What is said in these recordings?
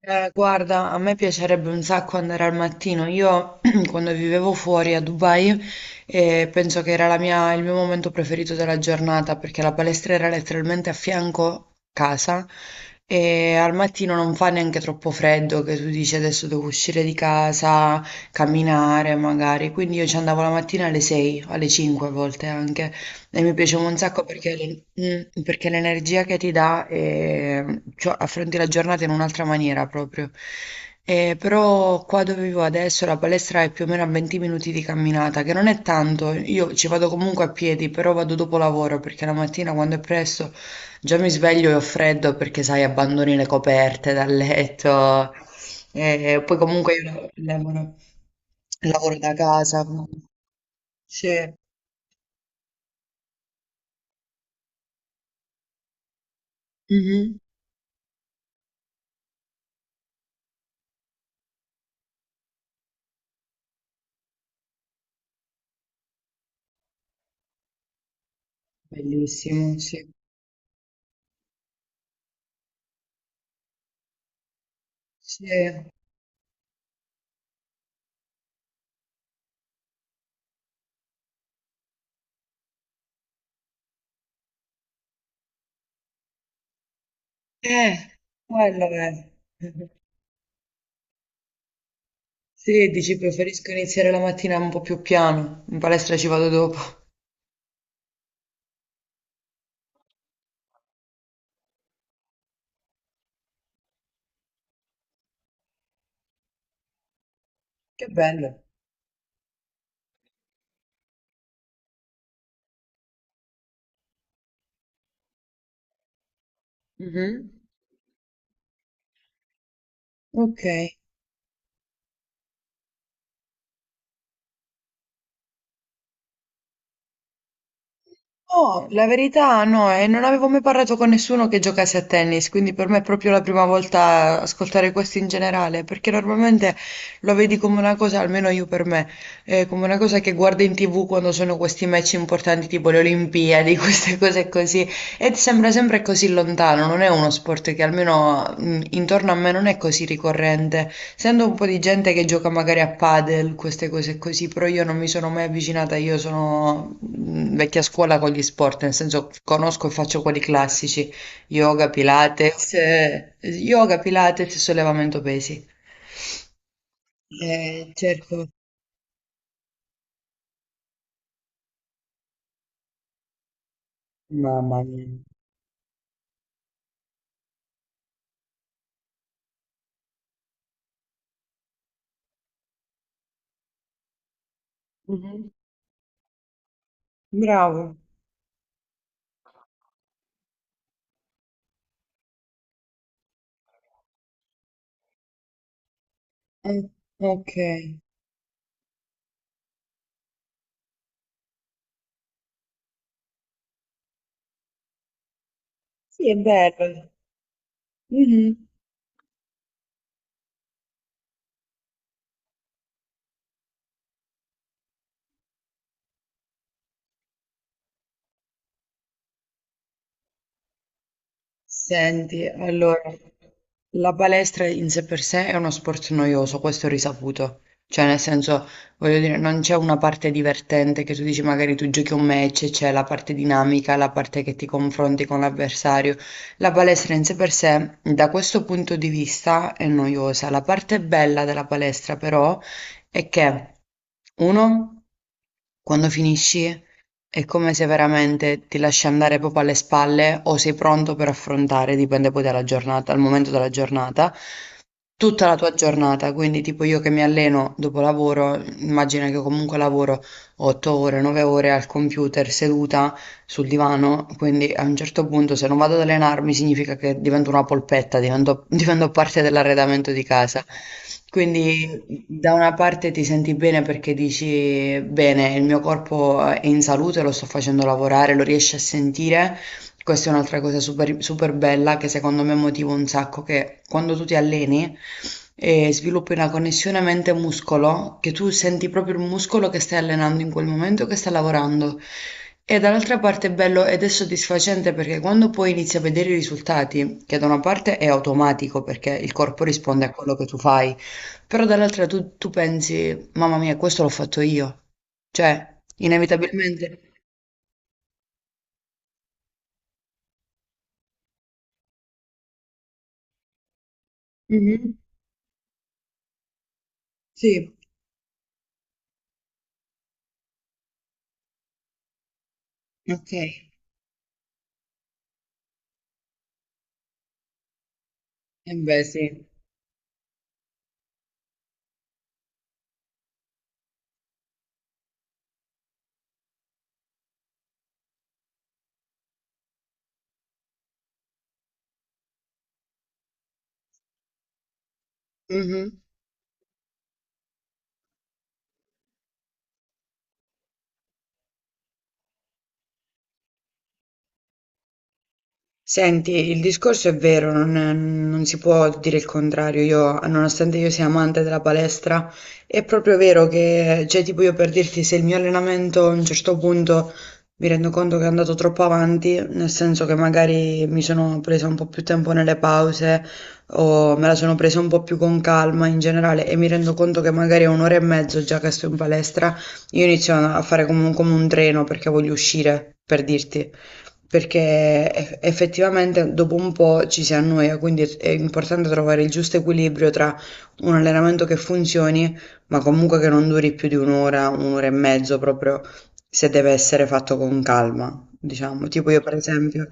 Guarda, a me piacerebbe un sacco andare al mattino. Io quando vivevo fuori a Dubai, penso che era il mio momento preferito della giornata perché la palestra era letteralmente a fianco casa e al mattino non fa neanche troppo freddo che tu dici adesso devo uscire di casa, camminare magari. Quindi io ci andavo la mattina alle 6, alle 5 a volte anche. E mi piaceva un sacco perché l'energia che ti dà, cioè, affronti la giornata in un'altra maniera proprio. Però qua dove vivo adesso la palestra è più o meno a 20 minuti di camminata, che non è tanto, io ci vado comunque a piedi, però vado dopo lavoro perché la mattina quando è presto già mi sveglio e ho freddo perché sai, abbandoni le coperte dal letto. Poi comunque io lavoro, lavoro da casa. Sì. Mhm. Bellissimo, sì. Sì. Eh, quello è. Sì, dici preferisco iniziare la mattina un po' più piano, in palestra ci vado dopo. Che bello. Mhm. Ok. Oh, la verità no, non avevo mai parlato con nessuno che giocasse a tennis, quindi per me è proprio la prima volta ascoltare questo in generale, perché normalmente lo vedi come una cosa, almeno io per me, come una cosa che guardo in TV quando sono questi match importanti tipo le Olimpiadi, queste cose così. Ed sembra sempre così lontano, non è uno sport che almeno intorno a me non è così ricorrente. Sento un po' di gente che gioca magari a padel, queste cose così, però io non mi sono mai avvicinata, io sono vecchia scuola con gli sport, nel senso conosco e faccio quelli classici, yoga, pilates e sollevamento pesi. Certo. Mamma mia. Mhm. Bravo. Eh, ok. Sì, è bello. Mhm. Senti, allora, la palestra in sé per sé è uno sport noioso, questo è risaputo. Cioè, nel senso, voglio dire, non c'è una parte divertente che tu dici magari tu giochi un match, c'è la parte dinamica, la parte che ti confronti con l'avversario. La palestra in sé per sé, da questo punto di vista, è noiosa. La parte bella della palestra, però, è che, uno, quando finisci. È come se veramente ti lasci andare proprio alle spalle o sei pronto per affrontare, dipende poi dalla giornata, dal momento della giornata, tutta la tua giornata, quindi tipo io che mi alleno dopo lavoro, immagina che comunque lavoro 8 ore, 9 ore al computer seduta sul divano, quindi a un certo punto se non vado ad allenarmi significa che divento una polpetta, divento, divento parte dell'arredamento di casa. Quindi da una parte ti senti bene perché dici bene, il mio corpo è in salute, lo sto facendo lavorare, lo riesci a sentire. Questa è un'altra cosa super, super bella che secondo me motiva un sacco, che quando tu ti alleni sviluppi una connessione mente-muscolo, che tu senti proprio il muscolo che stai allenando in quel momento, che sta lavorando. E dall'altra parte è bello ed è soddisfacente perché quando poi inizi a vedere i risultati, che da una parte è automatico perché il corpo risponde a quello che tu fai, però dall'altra tu, tu pensi, mamma mia, questo l'ho fatto io. Cioè, inevitabilmente... Mhm, sì, ok. Eh beh, sì. Mhm. Senti, il discorso è vero, non si può dire il contrario. Io, nonostante io sia amante della palestra, è proprio vero che, cioè, tipo io per dirti, se il mio allenamento a un certo punto mi rendo conto che è andato troppo avanti, nel senso che magari mi sono presa un po' più tempo nelle pause o me la sono presa un po' più con calma in generale e mi rendo conto che magari è un'ora e mezzo già che sto in palestra, io inizio a fare come un treno perché voglio uscire, per dirti. Perché effettivamente dopo un po' ci si annoia, quindi è importante trovare il giusto equilibrio tra un allenamento che funzioni, ma comunque che non duri più di un'ora, un'ora e mezzo, proprio se deve essere fatto con calma, diciamo. Tipo io per esempio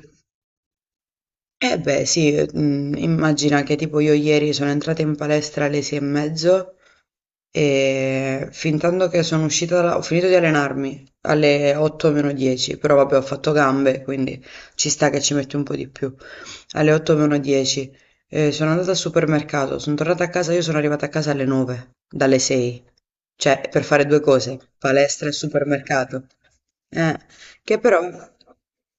eh beh sì, immagina che tipo io ieri sono entrata in palestra alle 6 e mezzo e fin tanto che sono uscita da ho finito di allenarmi alle 8 meno 10, però vabbè ho fatto gambe, quindi ci sta che ci metti un po' di più alle otto meno dieci. Sono andata al supermercato, sono tornata a casa, io sono arrivata a casa alle 9, dalle 6. Cioè, per fare due cose, palestra e supermercato. Eh, che però,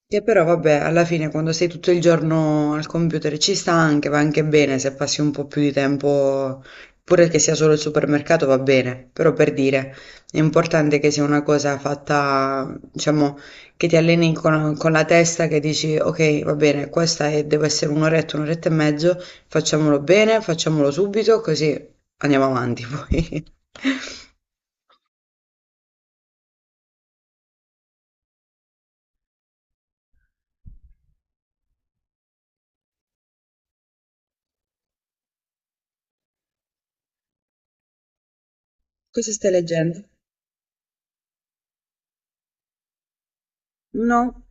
che però, vabbè, alla fine quando sei tutto il giorno al computer ci sta anche, va anche bene se passi un po' più di tempo, pure che sia solo il supermercato va bene, però per dire, è importante che sia una cosa fatta, diciamo, che ti alleni con la testa che dici, ok, va bene, questa è- deve essere un'oretta, un'oretta e mezzo, facciamolo bene, facciamolo subito, così andiamo avanti poi. Cosa stai leggendo? No,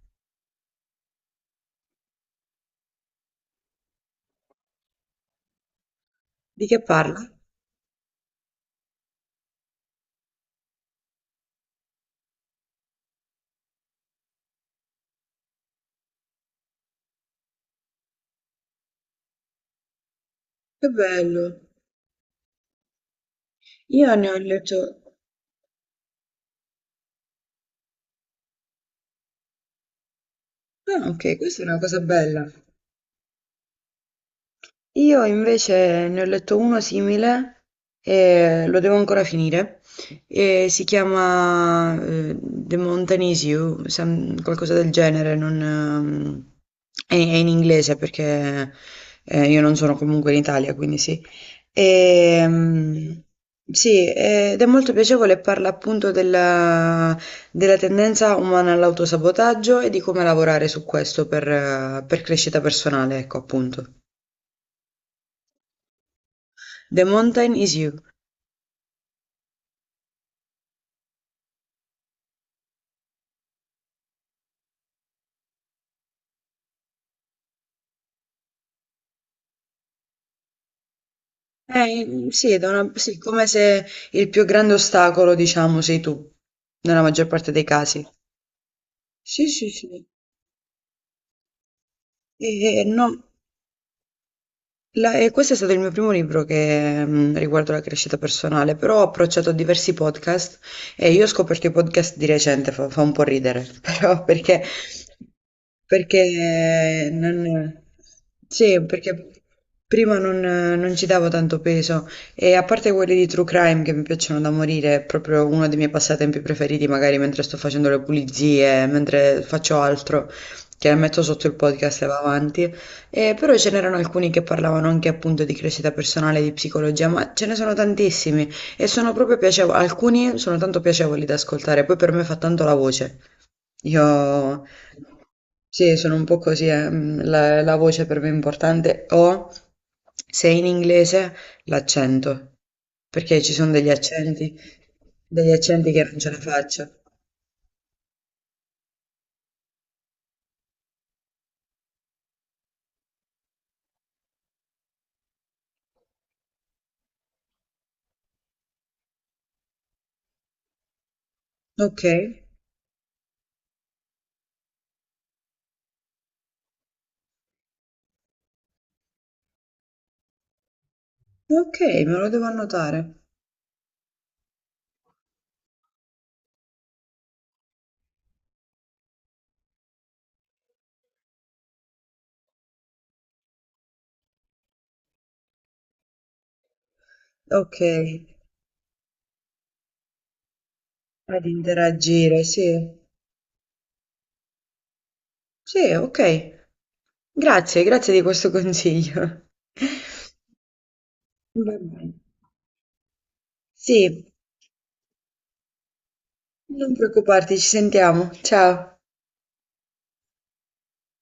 di che parla? Che bello. Io ne ho letto... Ah, ok, questa è una cosa bella. Io invece ne ho letto uno simile e lo devo ancora finire. E si chiama The Mountain Is You, qualcosa del genere, non, è in inglese perché io non sono comunque in Italia, quindi sì. Ehm, sì, ed è molto piacevole, parla appunto della tendenza umana all'autosabotaggio e di come lavorare su questo per crescita personale, ecco appunto. The Mountain Is You. Sì, sì, come se il più grande ostacolo, diciamo, sei tu, nella maggior parte dei casi. Sì, sì, sì. E no. E questo è stato il mio primo libro che riguardo la crescita personale, però ho approcciato a diversi podcast e io ho scoperto i podcast di recente, fa un po' ridere, però perché non, sì, perché prima non ci davo tanto peso e a parte quelli di True Crime che mi piacciono da morire, è proprio uno dei miei passatempi preferiti, magari mentre sto facendo le pulizie, mentre faccio altro, che metto sotto il podcast e va avanti. Però ce n'erano alcuni che parlavano anche appunto di crescita personale, di psicologia, ma ce ne sono tantissimi e sono proprio piacevoli, alcuni sono tanto piacevoli da ascoltare, poi per me fa tanto la voce. Io sì, sono un po' così, la voce per me è importante, o se in inglese l'accento, perché ci sono degli accenti che non ce la faccio. Ok, ok, me lo devo annotare. Ok, ad interagire, sì. Sì, okay. Grazie, grazie di questo consiglio. Va bene. Sì, non preoccuparti, ci sentiamo. Ciao.